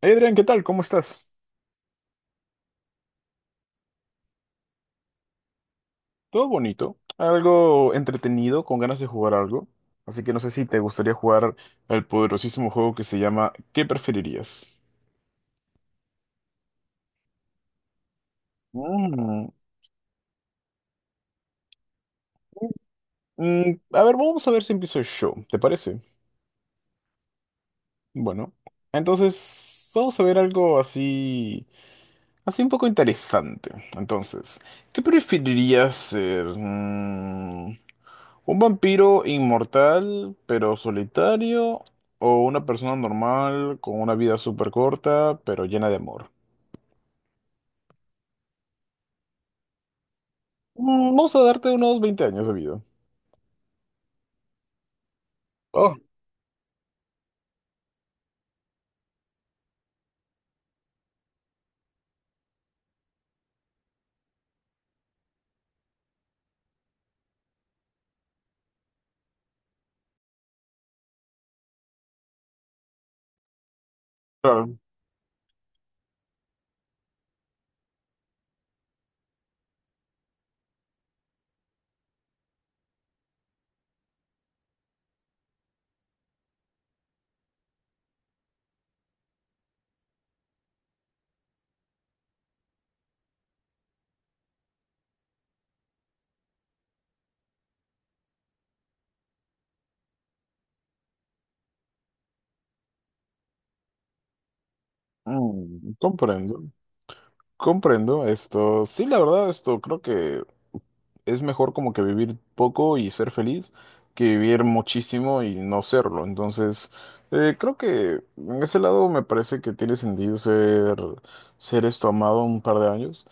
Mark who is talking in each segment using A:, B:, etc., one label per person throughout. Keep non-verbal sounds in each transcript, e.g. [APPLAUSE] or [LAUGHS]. A: Hey, Adrián, ¿qué tal? ¿Cómo estás? Todo bonito, algo entretenido, con ganas de jugar algo. Así que no sé si te gustaría jugar el poderosísimo juego que se llama ¿Qué preferirías? Mm, a ver, vamos a ver si empiezo yo, ¿te parece? Bueno, entonces vamos a ver algo así, así un poco interesante. Entonces, ¿qué preferirías ser? ¿Un vampiro inmortal pero solitario o una persona normal con una vida súper corta pero llena de amor? Vamos a darte unos 20 años de vida. Oh, claro. Comprendo, esto. Sí, la verdad, esto creo que es mejor como que vivir poco y ser feliz que vivir muchísimo y no serlo. Entonces, creo que en ese lado me parece que tiene sentido ser, esto amado un par de años.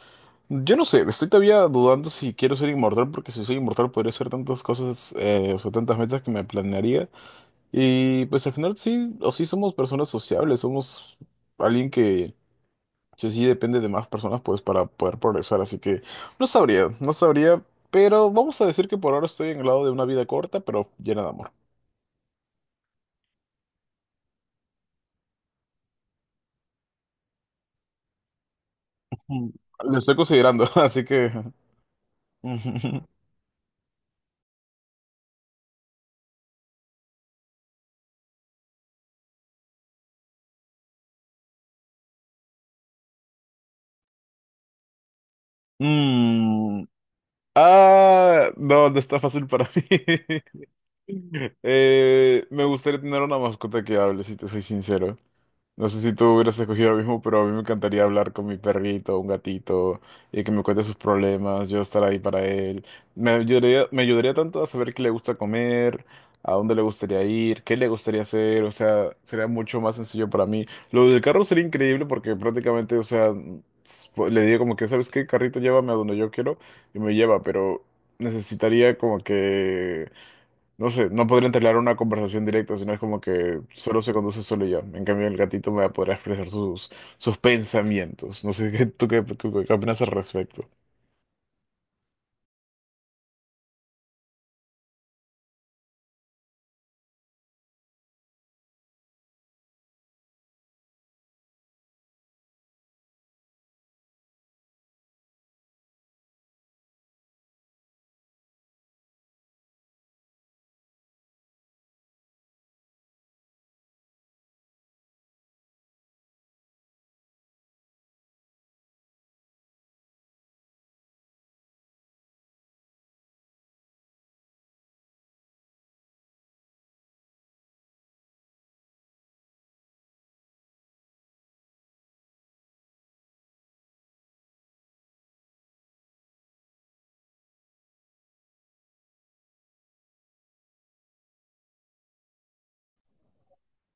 A: Yo no sé, estoy todavía dudando si quiero ser inmortal, porque si soy inmortal podría hacer tantas cosas, o sea, tantas metas que me planearía. Y pues al final sí, o sí somos personas sociables, somos alguien que sí, sí depende de más personas pues para poder progresar, así que no sabría, pero vamos a decir que por ahora estoy en el lado de una vida corta, pero llena de amor. Mm, Lo estoy considerando, [LAUGHS] así que... [LAUGHS] Mm, ah, no, no está fácil para mí. [LAUGHS] [LAUGHS] Me gustaría tener una mascota que hable, si te soy sincero. No sé si tú hubieras escogido lo mismo, pero a mí me encantaría hablar con mi perrito, un gatito, y que me cuente sus problemas, yo estar ahí para él. Me ayudaría, tanto a saber qué le gusta comer, a dónde le gustaría ir, qué le gustaría hacer, o sea, sería mucho más sencillo para mí. Lo del carro sería increíble porque prácticamente, o sea, pues, le diría como que, ¿sabes qué? Carrito, llévame a donde yo quiero y me lleva, pero necesitaría como que... No sé, no podría entablar una conversación directa, sino es como que solo se conduce solo y ya. En cambio, el gatito me va a poder expresar sus, pensamientos. No sé, [LAUGHS] ¿Tú qué opinas al respecto?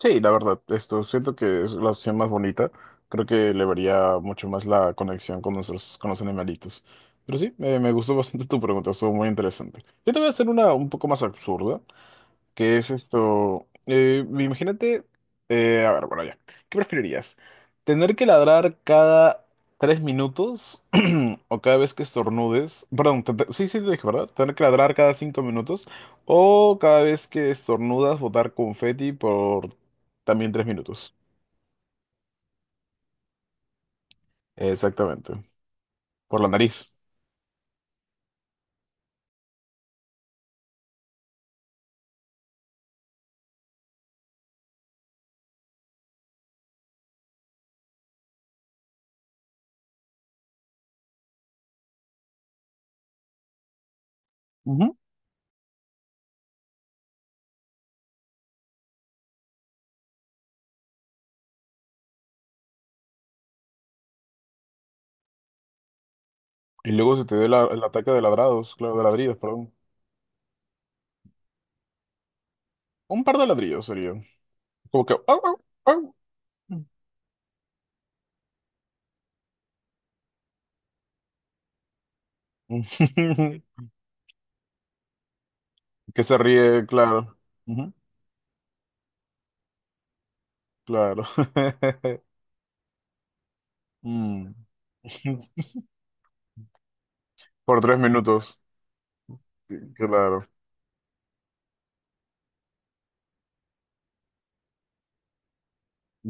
A: Sí, la verdad, esto siento que es la opción más bonita. Creo que le vería mucho más la conexión con nuestros, con los animalitos. Pero sí, me gustó bastante tu pregunta, estuvo muy interesante. Yo te voy a hacer una un poco más absurda. ¿Qué es esto? Imagínate, a ver, bueno, ya. ¿Qué preferirías? ¿Tener que ladrar cada 3 minutos [CLEARS THROAT] o cada vez que estornudes? Perdón, sí, sí, te dije, ¿verdad? ¿Tener que ladrar cada 5 minutos o cada vez que estornudas botar confeti por también 3 minutos? Exactamente, por la nariz. Ujú. Y luego se te dé el ataque de ladrados, claro, de ladridos, perdón. Un par de ladrillos sería. Como que... "Au, au, au". [LAUGHS] Que se ríe, claro. Ujú, claro. [LAUGHS] Mm. [LAUGHS] Por 3 minutos. Sí, claro.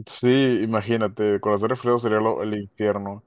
A: Sí, imagínate, con hacer frío sería el infierno.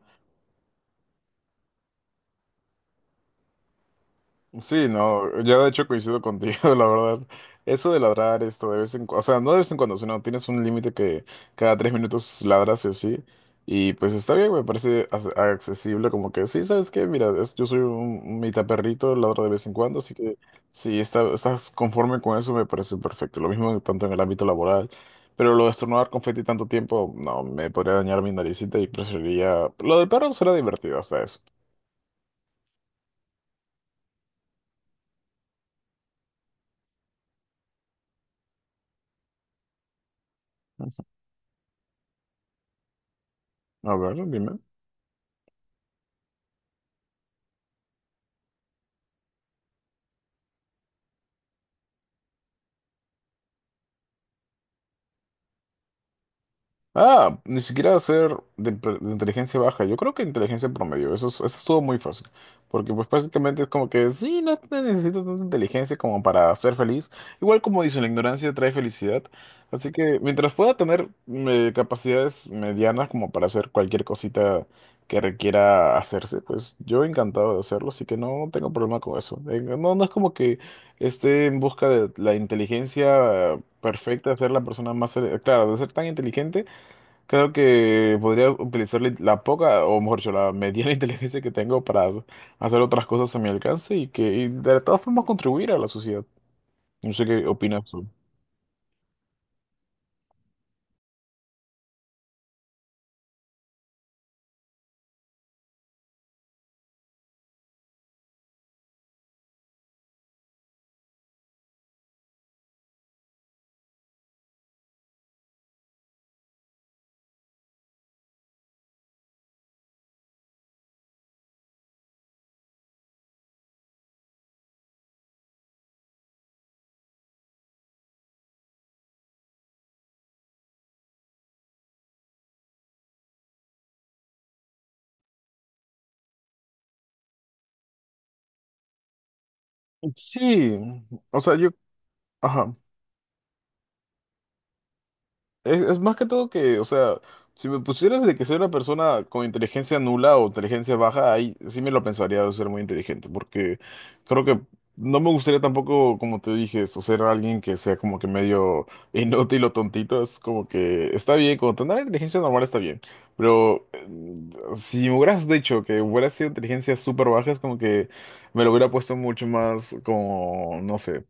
A: Sí, no, yo de hecho coincido contigo, [LAUGHS] la verdad. Eso de ladrar esto de vez en cuando, o sea, no de vez en cuando, sino tienes un límite que cada 3 minutos ladras sí o sí. Y pues está bien, me parece accesible, como que sí, ¿sabes qué? Mira, yo soy un mitad perrito, ladro de vez en cuando, así que si estás conforme con eso, me parece perfecto. Lo mismo tanto en el ámbito laboral, pero lo de estornudar confeti tanto tiempo, no, me podría dañar mi naricita y preferiría... Lo del perro suena divertido hasta eso. A ver, dime. Ah, ni siquiera hacer de, de inteligencia baja. Yo creo que inteligencia promedio. Eso, eso estuvo muy fácil. Porque pues prácticamente es como que sí, no te necesitas tanta inteligencia como para ser feliz. Igual como dicen, la ignorancia trae felicidad. Así que mientras pueda tener capacidades medianas como para hacer cualquier cosita que requiera hacerse, pues yo encantado de hacerlo. Así que no tengo problema con eso. No, no es como que esté en busca de la inteligencia perfecta, de ser la persona más... claro, de ser tan inteligente. Creo que podría utilizar la poca, o mejor dicho, la mediana [LAUGHS] inteligencia que tengo para hacer otras cosas a mi alcance y de todas formas contribuir a la sociedad. No sé qué opinas tú. Sí, o sea, yo, ajá. Es más que todo que, o sea, si me pusieras de que soy una persona con inteligencia nula o inteligencia baja, ahí sí me lo pensaría de ser muy inteligente, porque creo que no me gustaría tampoco, como te dije, esto, ser alguien que sea como que medio [LAUGHS] inútil o tontito. Es como que está bien, con tener inteligencia normal está bien, pero si me hubieras dicho que hubiera sido inteligencia súper baja, es como que me lo hubiera puesto mucho más como, no sé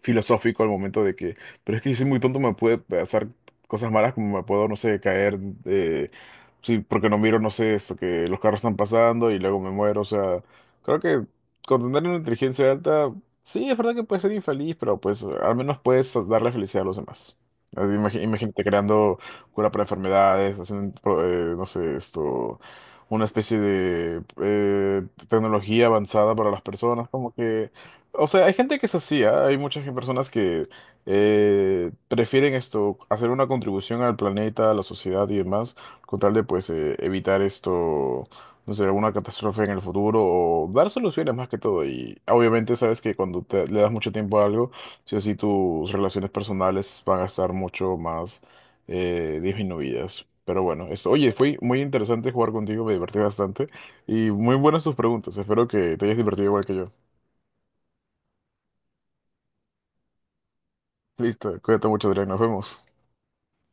A: filosófico al momento de que, pero es que si soy muy tonto me puede pasar cosas malas como me puedo, no sé, caer, eh, sí, porque no miro, no sé, eso, que los carros están pasando y luego me muero, o sea, creo que con tener una inteligencia alta, sí, es verdad que puede ser infeliz, pero pues al menos puedes darle felicidad a los demás. Así, imagínate creando cura para enfermedades, haciendo, no sé, esto, una especie de tecnología avanzada para las personas, como que... O sea, hay gente que es así, ¿ah? Hay muchas personas que prefieren esto, hacer una contribución al planeta, a la sociedad y demás, con tal de pues evitar esto, no sé, alguna catástrofe en el futuro o dar soluciones más que todo. Y obviamente sabes que cuando le das mucho tiempo a algo, sí o sí tus relaciones personales van a estar mucho más disminuidas. Pero bueno, esto, oye, fue muy interesante jugar contigo, me divertí bastante y muy buenas tus preguntas. Espero que te hayas divertido igual que yo. Listo, cuídate mucho, Adrián, nos vemos.